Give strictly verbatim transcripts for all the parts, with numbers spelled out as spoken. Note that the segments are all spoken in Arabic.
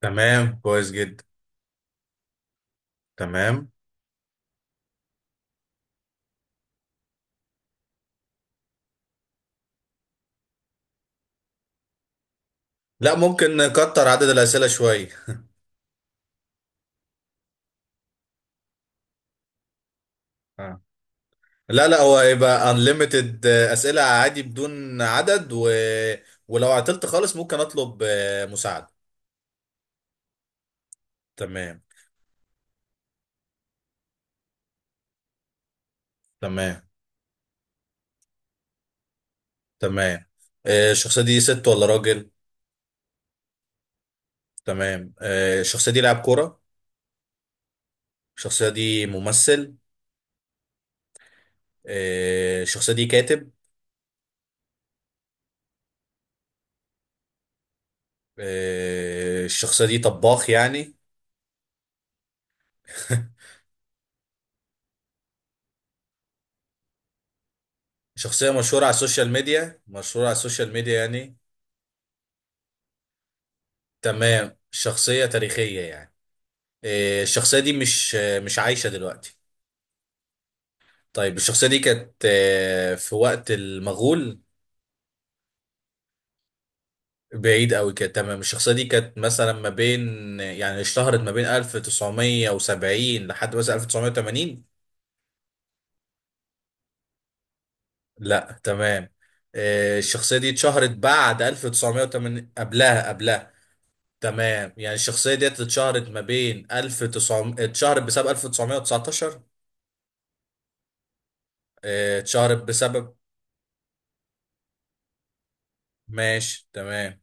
تمام، كويس جدا. تمام. لا، ممكن نكتر عدد الأسئلة شوية. آه. لا لا، هو يبقى unlimited، آه، أسئلة عادي بدون عدد و... ولو عطلت خالص ممكن أطلب آه، مساعدة. تمام. تمام. تمام آه، الشخصية دي ست ولا راجل؟ تمام آه، الشخصية دي لاعب كورة؟ الشخصية دي ممثل؟ آه، الشخصية دي كاتب؟ آه، الشخصية دي طباخ يعني؟ شخصية مشهورة على السوشيال ميديا، مشهورة على السوشيال ميديا يعني؟ تمام، شخصية تاريخية يعني؟ آه، الشخصية دي مش آه، مش عايشة دلوقتي؟ طيب الشخصية دي كانت آه، في وقت المغول؟ بعيد قوي كده. تمام، الشخصية دي كانت مثلا ما بين، يعني اشتهرت ما بين ألف وتسعمية وسبعين لحد مثلا ألف وتسعمية وتمانين؟ لا، تمام. آه، الشخصية دي اتشهرت بعد ألف وتسعمية وتمانين؟ قبلها قبلها؟ تمام، يعني الشخصية دي اتشهرت ما بين ألف وتسعمية، اتشهرت بسبب ألف وتسعمية وتسعتاشر؟ آه، اتشهرت بسبب؟ ماشي، تمام.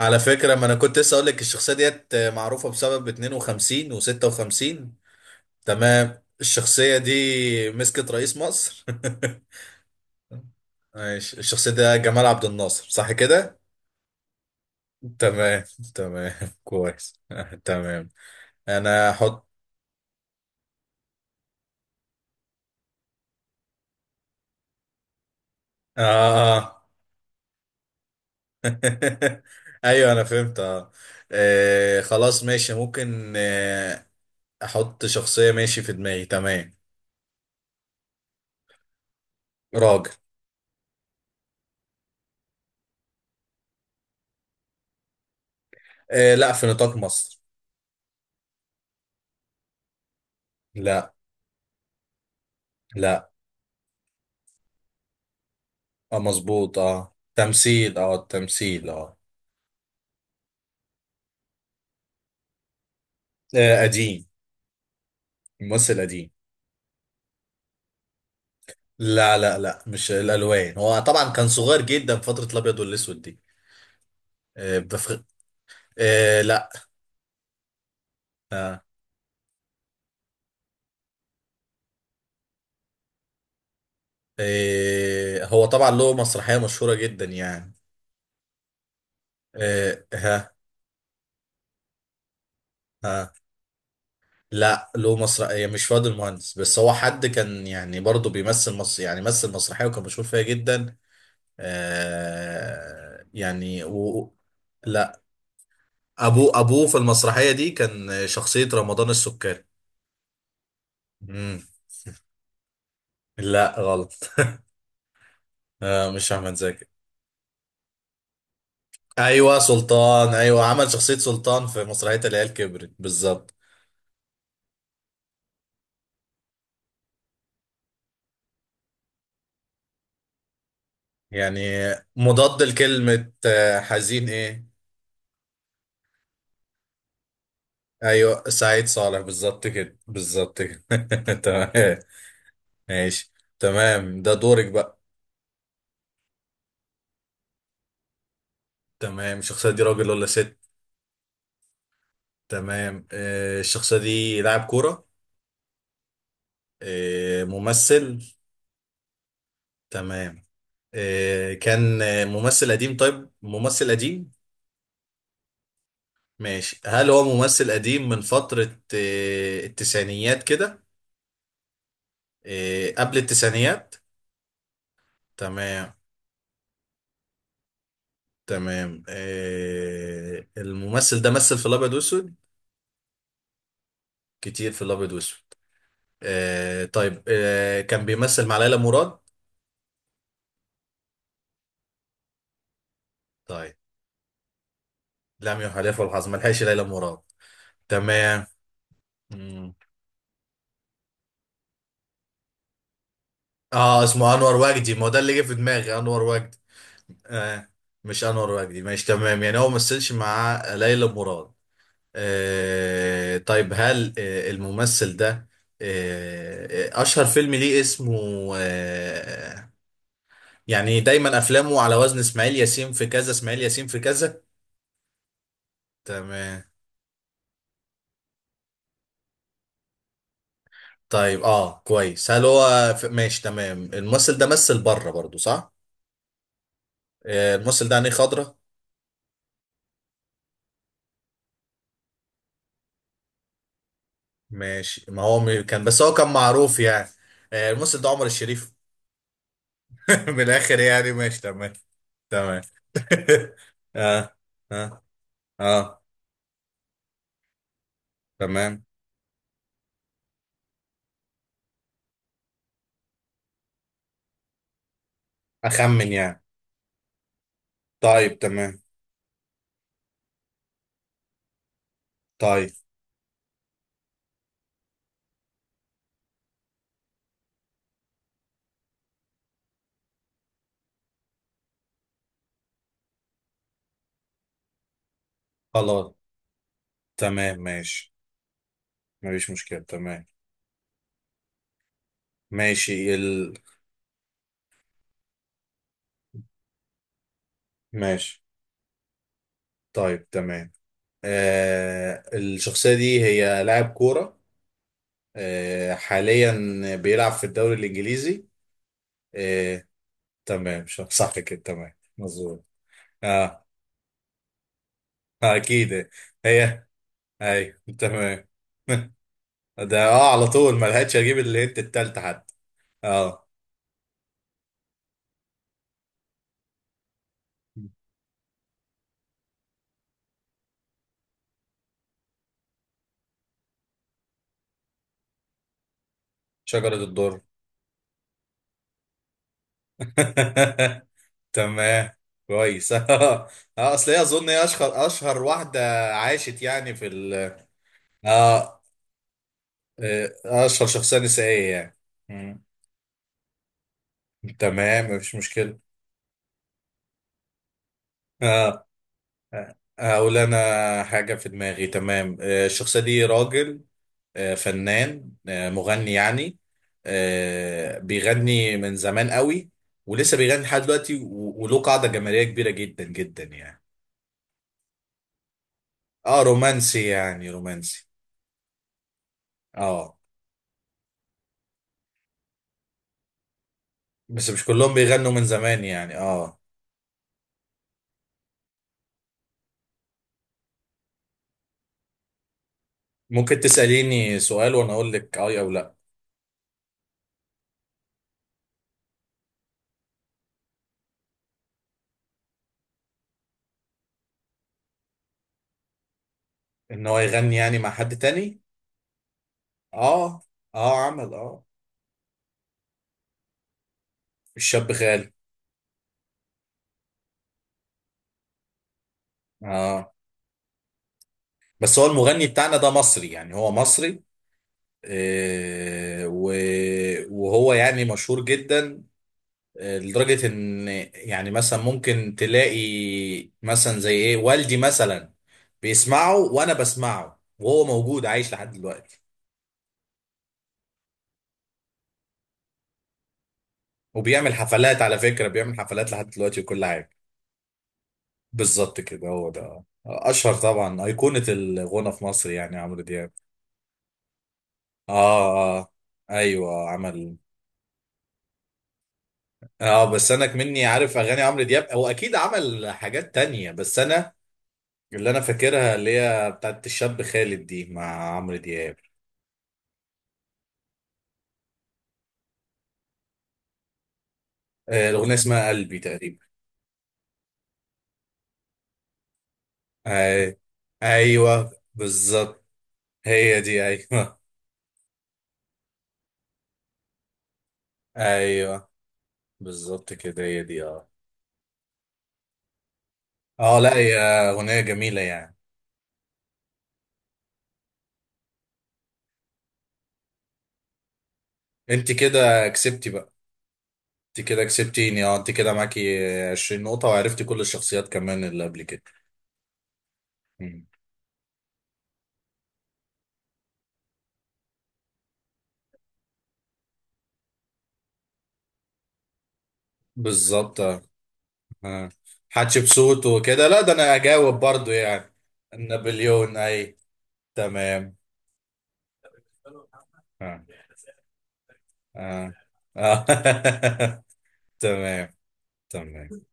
على فكرة، ما انا كنت لسه اقول لك الشخصية ديت معروفة بسبب اتنين وخمسين و56. تمام، الشخصية دي مسكت رئيس مصر؟ ماشي، الشخصية ده جمال عبد الناصر، صح كده؟ تمام. تمام. كويس. تمام. انا هحط. اه. اه. ايوه، انا فهمت. اه. آه، خلاص ماشي، ممكن آه، احط شخصية، ماشي، في دماغي. تمام. راجل. آه، لا، في نطاق مصر. لا. لا. اه، مظبوط، اه، تمثيل، اه، التمثيل، اه. آه، قديم. ممثل قديم. لا لا لا، مش الالوان، هو طبعا كان صغير جدا في فتره الابيض والاسود دي. آه بفخ... آه لا. آه. آه، هو طبعا له مسرحيه مشهوره جدا يعني. آه. ها. ها، لا، له مسرحيه، مش فؤاد المهندس، بس هو حد كان يعني برضه بيمثل مصر، يعني مثل مسرحيه وكان مشهور فيها جدا. آه يعني و... لا، ابوه ابوه في المسرحيه دي كان شخصيه رمضان السكري. مم. لا، غلط. آه، مش احمد زكي. ايوه، سلطان، ايوه، عمل شخصيه سلطان في مسرحيه العيال كبرت بالظبط. يعني مضاد لكلمه آه، حزين، ايه؟ ايوه، سعيد صالح، بالظبط كده، بالظبط كده. تمام. ماشي. تمام ده دورك بقى. تمام، الشخصيه دي راجل ولا ست؟ تمام، آه، الشخصيه دي لاعب كوره؟ آه، ممثل؟ تمام. آه، كان آه، ممثل قديم، طيب ممثل قديم. ماشي، هل هو ممثل قديم من فترة آه، التسعينيات كده؟ آه، قبل التسعينيات؟ تمام. تمام، آه، الممثل ده مثل في الأبيض وأسود؟ كتير في الأبيض وأسود؟ آه، طيب آه، كان بيمثل مع ليلى مراد؟ طيب، لم يحلفه الحظ، ما لحقش ليلى مراد؟ تمام. مم. اه، اسمه انور وجدي، ما هو ده اللي جه في دماغي، انور وجدي. آه، مش انور وجدي، ماشي تمام، يعني هو ما مثلش مع ليلى مراد. آه طيب، هل آه الممثل ده آه آه، اشهر فيلم ليه اسمه؟ آه، يعني دايما افلامه على وزن اسماعيل ياسين في كذا، اسماعيل ياسين في كذا؟ تمام. طيب اه، كويس. هل هو في... ماشي، تمام، الممثل ده مثل بره برضو، صح؟ آه، الممثل ده عينيه خضرا؟ ماشي، ما هو م- كان، بس هو كان معروف يعني. آه، الممثل ده عمر الشريف. من الاخر يعني، ماشي تمام. تمام. اه. اه. اه. تمام. اخمن يعني. طيب تمام. طيب. خلاص. تمام ماشي، مفيش مشكلة. تمام ماشي. ال ماشي. طيب، تمام. آه الشخصية دي هي لاعب كورة؟ آه، حاليا بيلعب في الدوري الإنجليزي؟ آه. تمام، ش- صح كده، تمام، مظبوط. اه، آه، اكيد. هي، اي، تمام. ده اه، على طول ما لحقتش اجيب الهنت التالتة حتى. اه. شجرة الدر. تمام. كويس. اه، اصل هي اظن هي اشهر اشهر واحدة عاشت يعني في ال، اه، آه، اشهر شخصية نسائية يعني. مم. تمام، مفيش مشكلة. آه. اقول انا حاجه في دماغي، تمام. آه، الشخصيه دي راجل، آه، فنان، آه، مغني يعني، آه، بيغني من زمان قوي ولسه بيغني لحد دلوقتي، و- وله قاعده جماهيريه كبيره جدا جدا يعني. اه، رومانسي يعني، رومانسي. اه. بس مش كلهم بيغنوا من زمان يعني، اه. ممكن تساليني سؤال وانا اقول لك اه او لا. ان هو يغني يعني مع حد تاني؟ اه. اه، عمل اه. الشاب غالي. اه، بس هو المغني بتاعنا ده مصري، يعني هو مصري، آه، و- وهو يعني مشهور جدا، آه، لدرجة ان، يعني مثلا ممكن تلاقي مثلا زي ايه، والدي مثلا بيسمعه وانا بسمعه، وهو موجود عايش لحد دلوقتي وبيعمل حفلات، على فكرة بيعمل حفلات لحد دلوقتي وكل حاجة. بالظبط كده، هو ده اشهر طبعا ايقونة الغنى في مصر يعني، عمرو دياب. اه. اه. آه. ايوه، عمل اه، بس انا مني عارف اغاني عمرو دياب، هو اكيد عمل حاجات تانية، بس انا اللي انا فاكرها اللي هي بتاعت الشاب خالد دي مع عمرو دياب. آه، الاغنيه اسمها قلبي تقريبا. آه، ايوه، بالظبط، هي دي، ايوه. ايوه بالظبط كده، هي دي، اه. اه لا، هي اغنيه جميله يعني. انت كده كسبتي بقى. انت كده كسبتيني، اه، انت كده معاكي عشرين نقطه، وعرفتي كل الشخصيات كمان اللي قبل كده. مم. بالظبط. آه. آه. حتشبسوت وكده، لا، ده انا هجاوب برضو يعني. نابليون، اي. تمام. آه. آه. آه. تمام. تمام.